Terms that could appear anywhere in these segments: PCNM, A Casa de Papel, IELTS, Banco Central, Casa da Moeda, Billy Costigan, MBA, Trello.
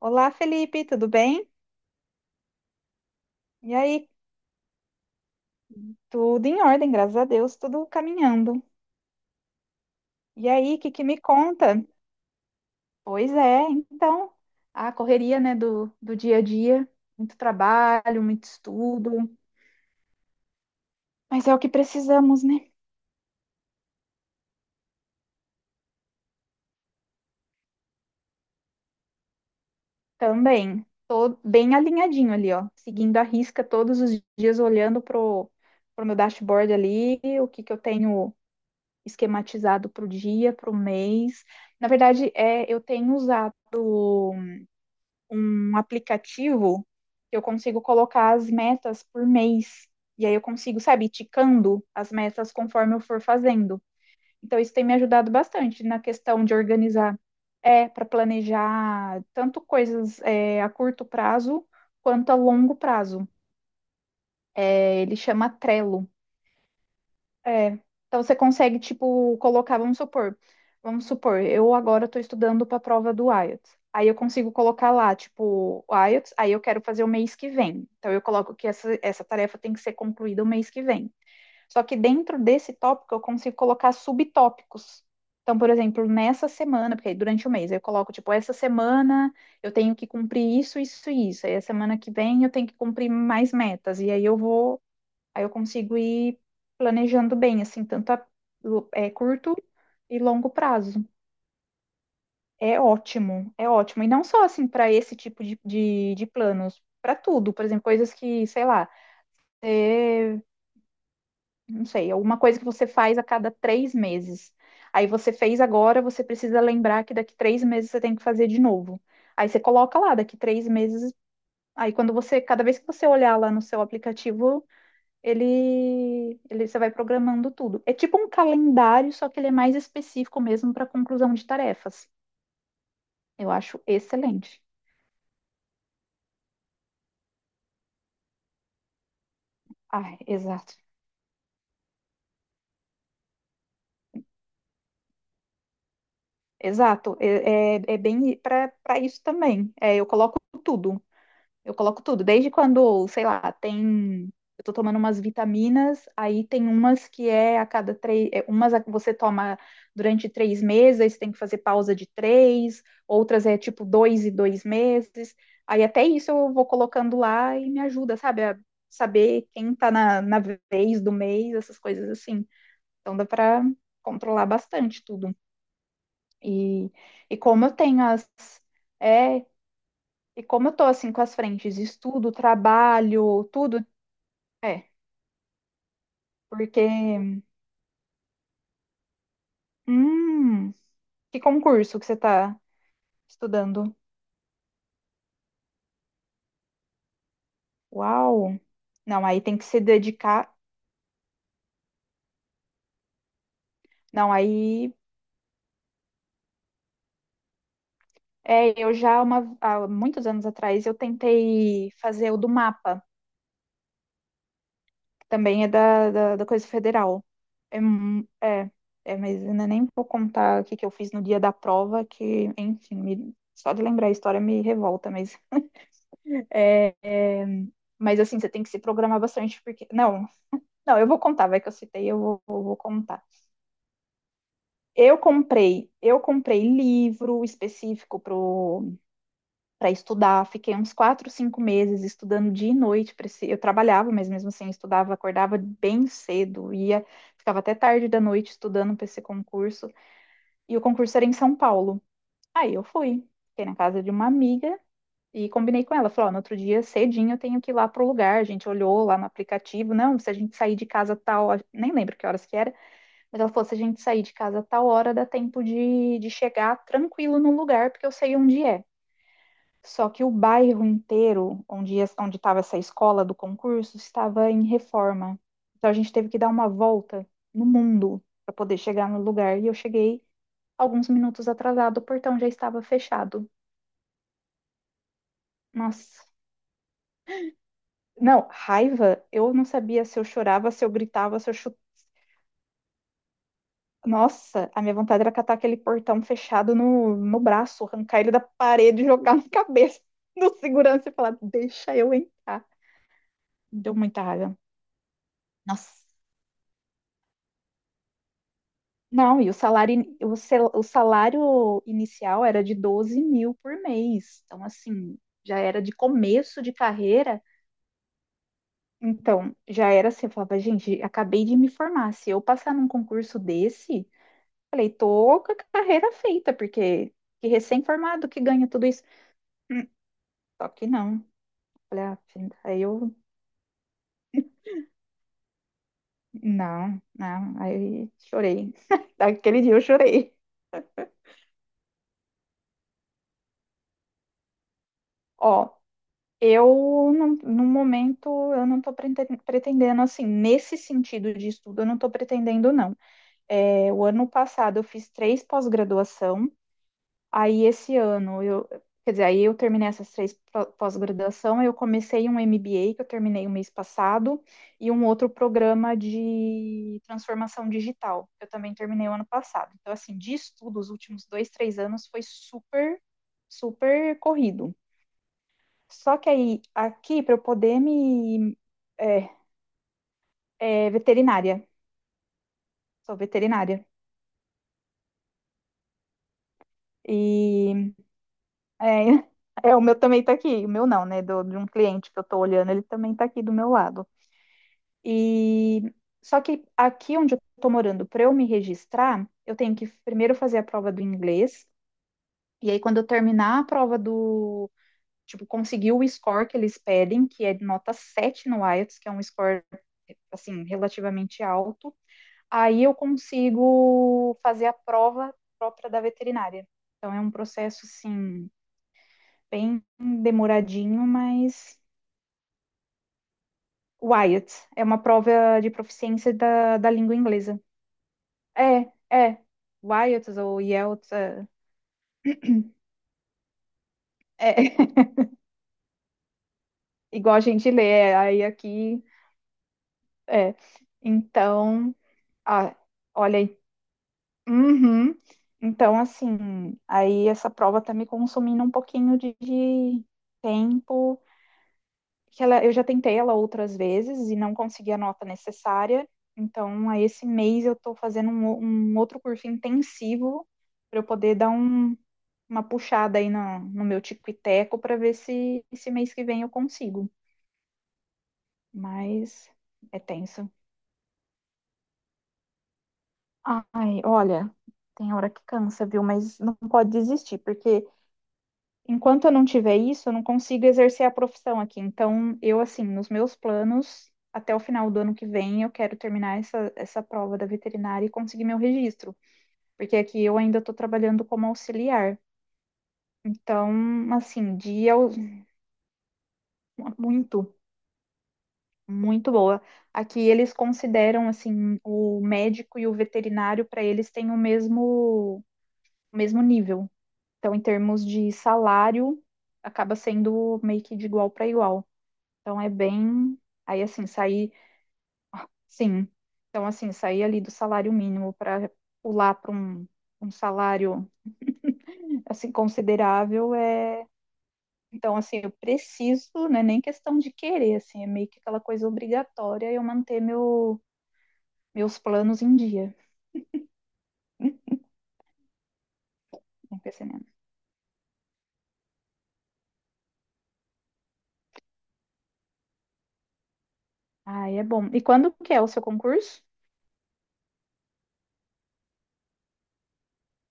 Olá, Felipe, tudo bem? E aí, tudo em ordem, graças a Deus, tudo caminhando. E aí, o que que me conta? Pois é, então, a correria, né, do dia a dia, muito trabalho, muito estudo, mas é o que precisamos, né? Também, tô bem alinhadinho ali, ó, seguindo a risca todos os dias, olhando pro meu dashboard ali, o que que eu tenho esquematizado pro dia, pro mês. Na verdade, eu tenho usado um aplicativo que eu consigo colocar as metas por mês. E aí eu consigo, sabe, ticando as metas conforme eu for fazendo. Então isso tem me ajudado bastante na questão de organizar, para planejar tanto coisas a curto prazo quanto a longo prazo. É, ele chama Trello. É, então você consegue, tipo, colocar, vamos supor, eu agora estou estudando para a prova do IELTS. Aí eu consigo colocar lá, tipo, o IELTS, aí eu quero fazer o mês que vem. Então eu coloco que essa tarefa tem que ser concluída o mês que vem. Só que dentro desse tópico eu consigo colocar subtópicos. Então, por exemplo, nessa semana, porque aí durante o mês eu coloco, tipo, essa semana eu tenho que cumprir isso, isso e isso. Aí a semana que vem eu tenho que cumprir mais metas. E aí eu vou. Aí eu consigo ir planejando bem, assim, tanto a curto e longo prazo. É ótimo, é ótimo. E não só, assim, para esse tipo de planos, para tudo. Por exemplo, coisas que, sei lá, é, não sei, alguma coisa que você faz a cada três meses. Aí você fez agora, você precisa lembrar que daqui três meses você tem que fazer de novo. Aí você coloca lá, daqui três meses. Aí quando você, cada vez que você olhar lá no seu aplicativo, ele você vai programando tudo. É tipo um calendário, só que ele é mais específico mesmo para conclusão de tarefas. Eu acho excelente. Ah, exato. Exato. É bem para isso também. É, eu coloco tudo. Eu coloco tudo, desde quando, sei lá, tem. Eu tô tomando umas vitaminas, aí tem umas que é a cada três. Umas você toma durante três meses, aí você tem que fazer pausa de três, outras é tipo dois e dois meses. Aí até isso eu vou colocando lá e me ajuda, sabe? A saber quem tá na vez do mês, essas coisas assim. Então dá pra controlar bastante tudo. E, e como eu tenho as. é e como eu tô assim com as frentes, estudo, trabalho, tudo, é, porque, hum, que concurso que você tá estudando? Uau! Não, aí tem que se dedicar. Não, aí eu já uma, há muitos anos atrás eu tentei fazer o do mapa, que também é da coisa federal. É, é, mas ainda nem vou contar o que que eu fiz no dia da prova, que, enfim, só de lembrar a história me revolta, mas é, mas assim, você tem que se programar bastante, porque. Não, não, eu vou contar, vai que eu citei, eu vou contar. Eu comprei livro específico para estudar, fiquei uns quatro, cinco meses estudando dia e noite. Eu trabalhava, mas mesmo assim eu estudava, acordava bem cedo, ia, ficava até tarde da noite estudando para esse concurso. E o concurso era em São Paulo. Aí eu fui, fiquei na casa de uma amiga. E combinei com ela, falou, ó, no outro dia cedinho eu tenho que ir lá pro lugar, a gente olhou lá no aplicativo, não, se a gente sair de casa tal, nem lembro que horas que era, mas ela falou, se a gente sair de casa tal hora, dá tempo de chegar tranquilo no lugar, porque eu sei onde é. Só que o bairro inteiro, onde estava essa escola do concurso, estava em reforma. Então a gente teve que dar uma volta no mundo para poder chegar no lugar, e eu cheguei alguns minutos atrasado, o portão já estava fechado. Nossa, não, raiva, eu não sabia se eu chorava, se eu gritava, se eu chutava. Nossa, a minha vontade era catar aquele portão fechado no braço, arrancar ele da parede e jogar na cabeça do segurança e falar: deixa eu entrar. Deu muita raiva. Nossa. Não, e o salário, o salário inicial era de 12 mil por mês. Então, assim, já era de começo de carreira. Então, já era assim, eu falava, gente, acabei de me formar. Se eu passar num concurso desse, falei, tô com a carreira feita, porque que recém-formado que ganha tudo isso. Hum. Só que não. Falei, ah, filho, aí eu, não, não, aí chorei. Daquele dia eu chorei. Ó, eu, no momento, eu não tô pretendendo, assim, nesse sentido de estudo, eu não tô pretendendo, não. É, o ano passado eu fiz três pós-graduação. Aí esse ano eu, quer dizer, aí eu terminei essas três pós-graduação, eu comecei um MBA que eu terminei o mês passado e um outro programa de transformação digital que eu também terminei o ano passado. Então assim, de estudo, os últimos dois, três anos foi super, super corrido. Só que aí aqui para eu poder me. é, É veterinária, sou veterinária e é, é, o meu também tá aqui, o meu não, né, do, de um cliente que eu tô olhando, ele também tá aqui do meu lado. E só que aqui onde eu tô morando, para eu me registrar, eu tenho que primeiro fazer a prova do inglês, e aí quando eu terminar a prova tipo, conseguir o score que eles pedem, que é nota 7 no IELTS, que é um score assim relativamente alto, aí eu consigo fazer a prova própria da veterinária. Então é um processo assim bem demoradinho, mas o IELTS é uma prova de proficiência da língua inglesa. É, é. Wyots ou Yelts, é, é. Igual a gente lê, é, aí aqui, é. Então, ah, olha aí. Uhum. Então, assim, aí essa prova tá me consumindo um pouquinho de tempo, que ela, eu já tentei ela outras vezes e não consegui a nota necessária. Então, aí esse mês eu tô fazendo um outro curso intensivo para eu poder dar um, uma puxada aí no meu tico e teco para ver se esse mês que vem eu consigo. Mas é tenso. Ai, olha, tem hora que cansa, viu? Mas não pode desistir, porque enquanto eu não tiver isso, eu não consigo exercer a profissão aqui. Então, eu, assim, nos meus planos, até o final do ano que vem, eu quero terminar essa prova da veterinária e conseguir meu registro, porque aqui eu ainda estou trabalhando como auxiliar. Então, assim, dia muito. Muito boa. Aqui eles consideram assim o médico e o veterinário para eles têm o mesmo nível. Então, em termos de salário, acaba sendo meio que de igual para igual. Então é bem, aí assim sair, sim. Então assim sair ali do salário mínimo para pular para um salário assim considerável é. Então, assim, eu preciso, não é nem questão de querer, assim, é meio que aquela coisa obrigatória eu manter meu, meus planos em dia. Tem PCNM. Ah, é bom. E quando que é o seu concurso?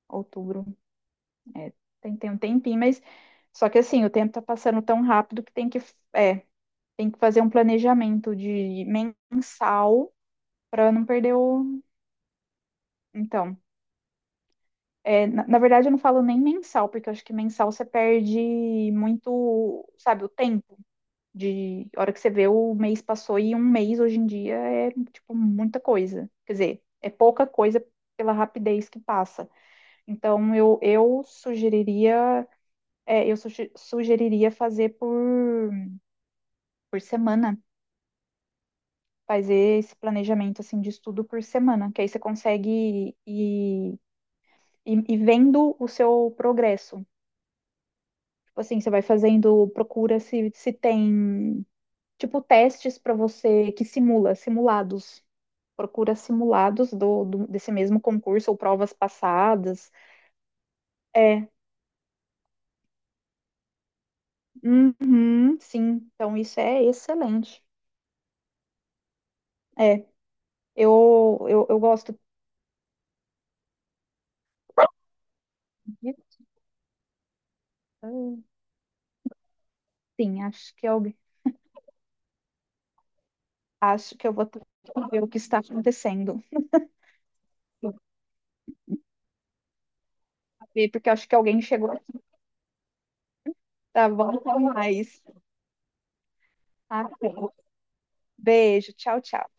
Outubro. É, tem um tempinho, mas só que assim, o tempo tá passando tão rápido que tem que, é, tem que fazer um planejamento de mensal para não perder o. Então, na verdade eu não falo nem mensal, porque eu acho que mensal você perde muito, sabe, o tempo. De a hora que você vê o mês passou e um mês hoje em dia é tipo muita coisa. Quer dizer, é pouca coisa pela rapidez que passa. Então, eu sugeriria, sugeriria fazer por semana, fazer esse planejamento assim de estudo por semana, que aí você consegue ir, ir vendo o seu progresso. Tipo assim, você vai fazendo, procura se tem, tipo, testes para você que simulados. Procura simulados desse mesmo concurso ou provas passadas. É, uhum, sim. Então, isso é excelente. É. Eu gosto. Hum. Sim, acho que alguém. Acho que eu vou ter que ver o que está acontecendo. Eu vou ver, porque eu acho que alguém chegou aqui. Tá bom, até mais. Tá bom. Beijo, tchau, tchau.